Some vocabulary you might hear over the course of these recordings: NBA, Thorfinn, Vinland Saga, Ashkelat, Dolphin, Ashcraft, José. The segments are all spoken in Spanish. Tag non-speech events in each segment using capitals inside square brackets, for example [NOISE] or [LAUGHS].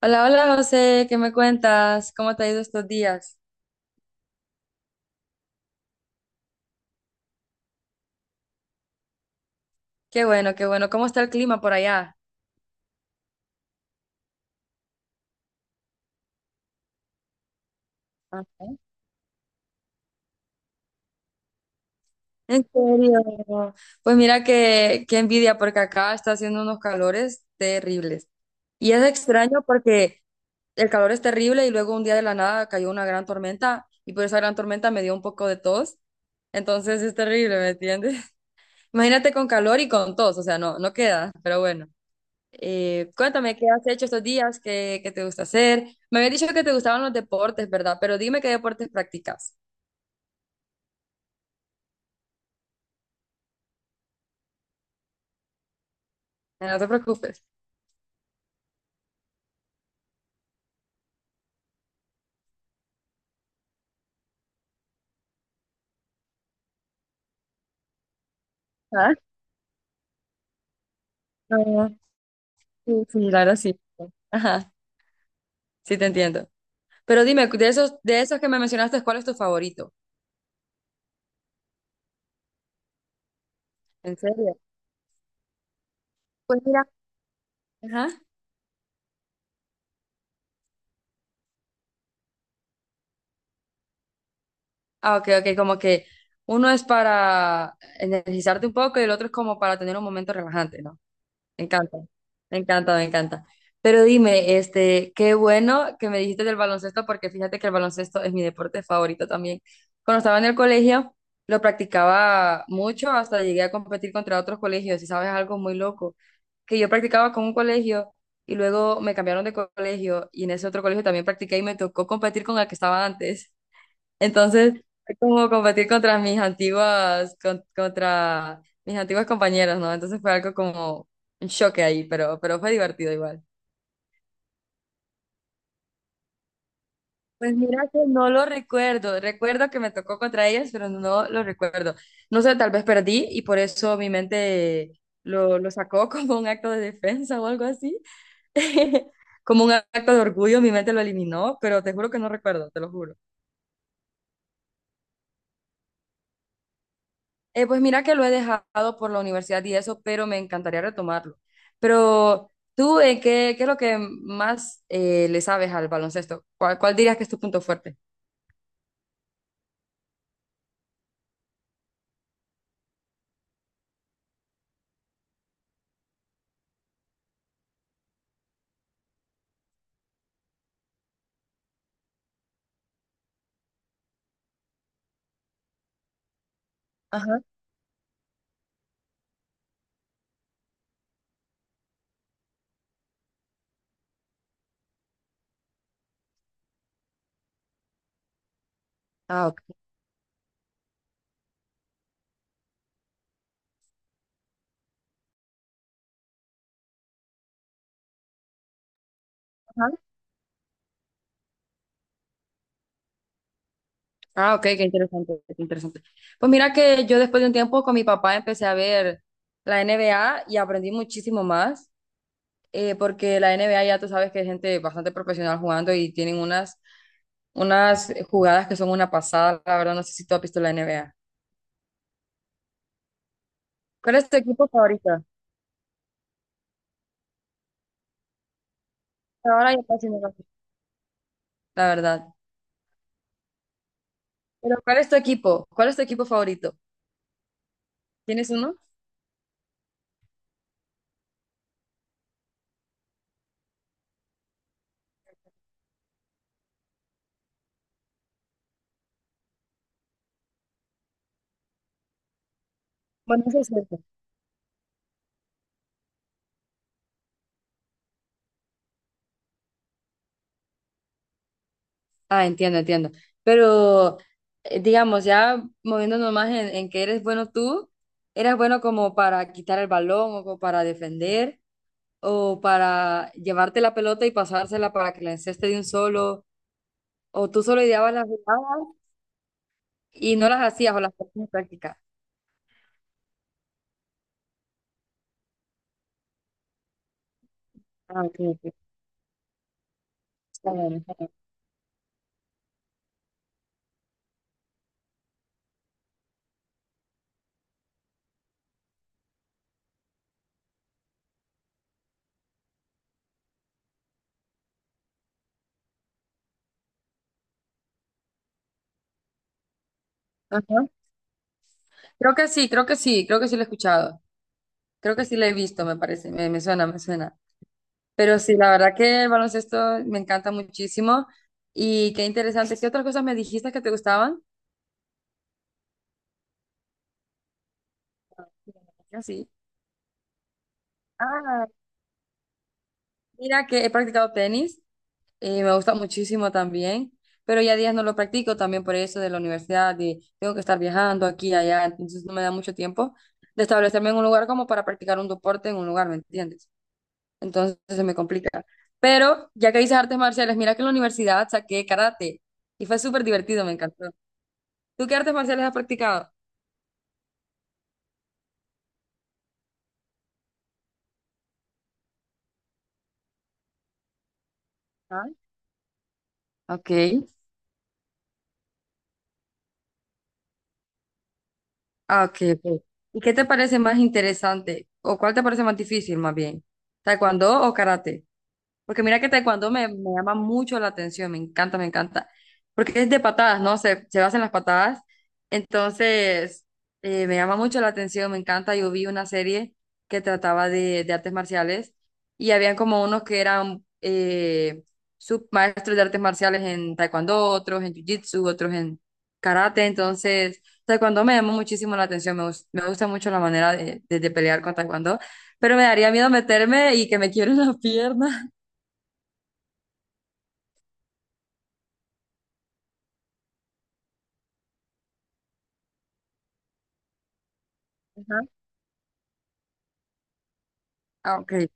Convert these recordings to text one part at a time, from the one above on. Hola, hola José, ¿qué me cuentas? ¿Cómo te ha ido estos días? Qué bueno, qué bueno. ¿Cómo está el clima por allá? Ajá. ¿En serio? Pues mira qué envidia porque acá está haciendo unos calores terribles. Y es extraño porque el calor es terrible y luego un día de la nada cayó una gran tormenta y por esa gran tormenta me dio un poco de tos. Entonces es terrible, ¿me entiendes? [LAUGHS] Imagínate con calor y con tos, o sea, no queda, pero bueno. Cuéntame, ¿qué has hecho estos días? ¿Qué te gusta hacer? Me habías dicho que te gustaban los deportes, ¿verdad? Pero dime qué deportes practicas. No te preocupes. Ah, no, sí, sí, claro, sí. Ajá, sí te entiendo. Pero dime, de esos que me mencionaste, ¿cuál es tu favorito? ¿En serio? Pues mira. Ajá. Ah, ok, ok, como que uno es para energizarte un poco y el otro es como para tener un momento relajante, ¿no? Me encanta, me encanta, me encanta. Pero dime, este, qué bueno que me dijiste del baloncesto, porque fíjate que el baloncesto es mi deporte favorito también. Cuando estaba en el colegio, lo practicaba mucho, hasta llegué a competir contra otros colegios, y sabes, algo muy loco, que yo practicaba con un colegio y luego me cambiaron de colegio y en ese otro colegio también practiqué y me tocó competir con el que estaba antes. Entonces, fue como competir contra mis antiguas, contra mis antiguas compañeras, ¿no? Entonces fue algo como un choque ahí, pero fue divertido igual. Pues mira que no lo recuerdo. Recuerdo que me tocó contra ellas, pero no lo recuerdo. No sé, tal vez perdí y por eso mi mente lo sacó [LAUGHS] como un acto de defensa o algo así. [LAUGHS] Como un acto de orgullo, mi mente lo eliminó, pero te juro que no recuerdo, te lo juro. Pues mira que lo he dejado por la universidad y eso, pero me encantaría retomarlo. Pero tú, ¿qué, qué es lo que más le sabes al baloncesto? ¿Cuál dirías que es tu punto fuerte? Ajá, Ah, ok. Ajá. Ah, ok, qué interesante, qué interesante. Pues mira que yo después de un tiempo con mi papá empecé a ver la NBA y aprendí muchísimo más, porque la NBA ya tú sabes que hay gente bastante profesional jugando y tienen unas jugadas que son una pasada, la verdad no sé si tú has visto la NBA. ¿Cuál es tu equipo favorito? Ahora ya casi no lo veo, la verdad. Pero ¿cuál es tu equipo? ¿Cuál es tu equipo favorito? ¿Tienes uno? Bueno, eso es cierto. Ah, entiendo, entiendo. Pero, digamos, ya moviéndonos más en que eres bueno tú, ¿eras bueno como para quitar el balón o como para defender o para llevarte la pelota y pasársela para que la enceste de un solo? ¿O tú solo ideabas las jugadas y no las hacías o las ponías en práctica? Ah, ok, ok. Está bien, está bien. Ajá. Creo que sí, creo que sí, creo que sí lo he escuchado. Creo que sí la he visto, me parece, me suena, me suena. Pero sí, la verdad que el baloncesto me encanta muchísimo y qué interesante. ¿Qué otras cosas me dijiste que te gustaban? Así. Ah, mira que he practicado tenis y me gusta muchísimo también, pero ya días no lo practico también por eso de la universidad y tengo que estar viajando aquí y allá, entonces no me da mucho tiempo de establecerme en un lugar como para practicar un deporte en un lugar, ¿me entiendes? Entonces se me complica. Pero ya que dices artes marciales, mira que en la universidad saqué karate y fue súper divertido, me encantó. ¿Tú qué artes marciales has practicado? Ah, ok. Ah, ok, ok. ¿Y qué te parece más interesante? ¿O cuál te parece más difícil, más bien? ¿Taekwondo o karate? Porque mira que taekwondo me llama mucho la atención, me encanta, me encanta. Porque es de patadas, ¿no? Se basa en las patadas. Entonces, me llama mucho la atención, me encanta. Yo vi una serie que trataba de artes marciales y habían como unos que eran submaestros de artes marciales en taekwondo, otros en jiu-jitsu, otros en karate. Entonces, taekwondo me llamó muchísimo la atención, me, me gusta mucho la manera de pelear con taekwondo, pero me daría miedo meterme y que me quiebren las piernas. [LAUGHS] Ah, ok.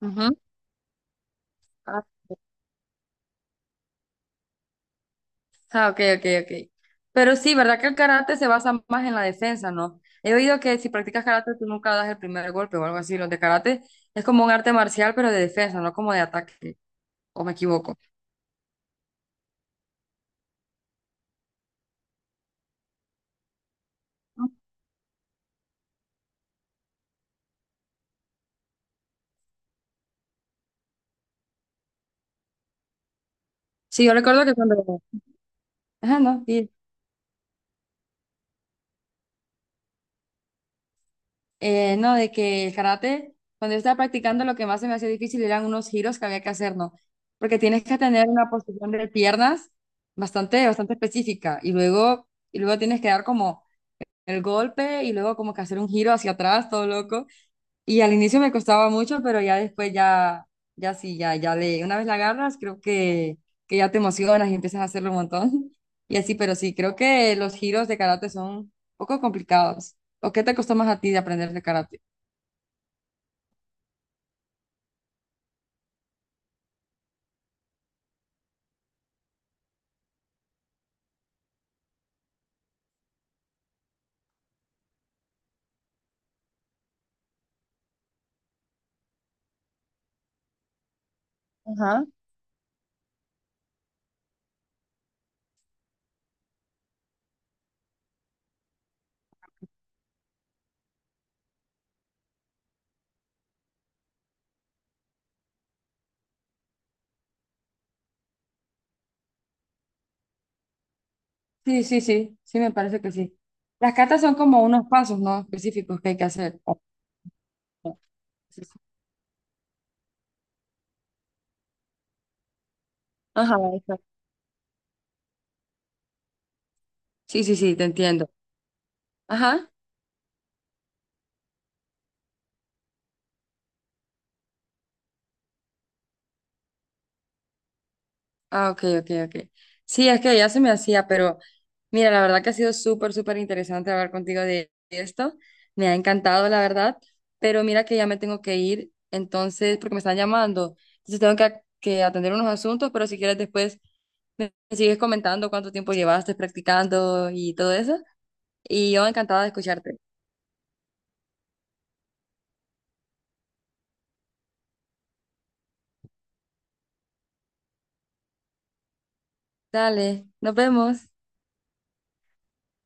Ujú. Ah, Ah, ok, ok, ok. Pero sí, ¿verdad que el karate se basa más en la defensa, ¿no? He oído que si practicas karate tú nunca das el primer golpe o algo así. Los de karate es como un arte marcial, pero de defensa, no como de ataque, o me equivoco. Sí, yo recuerdo que cuando... Ajá, no, sí. No, de que el karate, cuando yo estaba practicando, lo que más se me hacía difícil eran unos giros que había que hacer, ¿no? Porque tienes que tener una posición de piernas bastante, bastante específica y luego tienes que dar como el golpe y luego como que hacer un giro hacia atrás, todo loco. Y al inicio me costaba mucho, pero ya después ya, ya sí, ya, ya le, una vez la agarras, creo que ya te emocionas y empiezas a hacerlo un montón. [LAUGHS] Y así, pero sí, creo que los giros de karate son un poco complicados. ¿O qué te costó más a ti de aprender de karate? Ajá. Sí, sí, sí, sí, me parece que sí. Las catas son como unos pasos, ¿no? Específicos que hay que hacer. Sí, sí, Ajá, exacto. Sí, sí, sí, te entiendo. Ajá. Ah, ok, ok, ok. Sí, es que ya se me hacía, pero mira, la verdad que ha sido súper, súper interesante hablar contigo de esto. Me ha encantado, la verdad, pero mira que ya me tengo que ir, entonces, porque me están llamando. Entonces tengo que atender unos asuntos, pero si quieres después me sigues comentando cuánto tiempo llevaste practicando y todo eso. Y yo encantada de escucharte. Dale, nos vemos.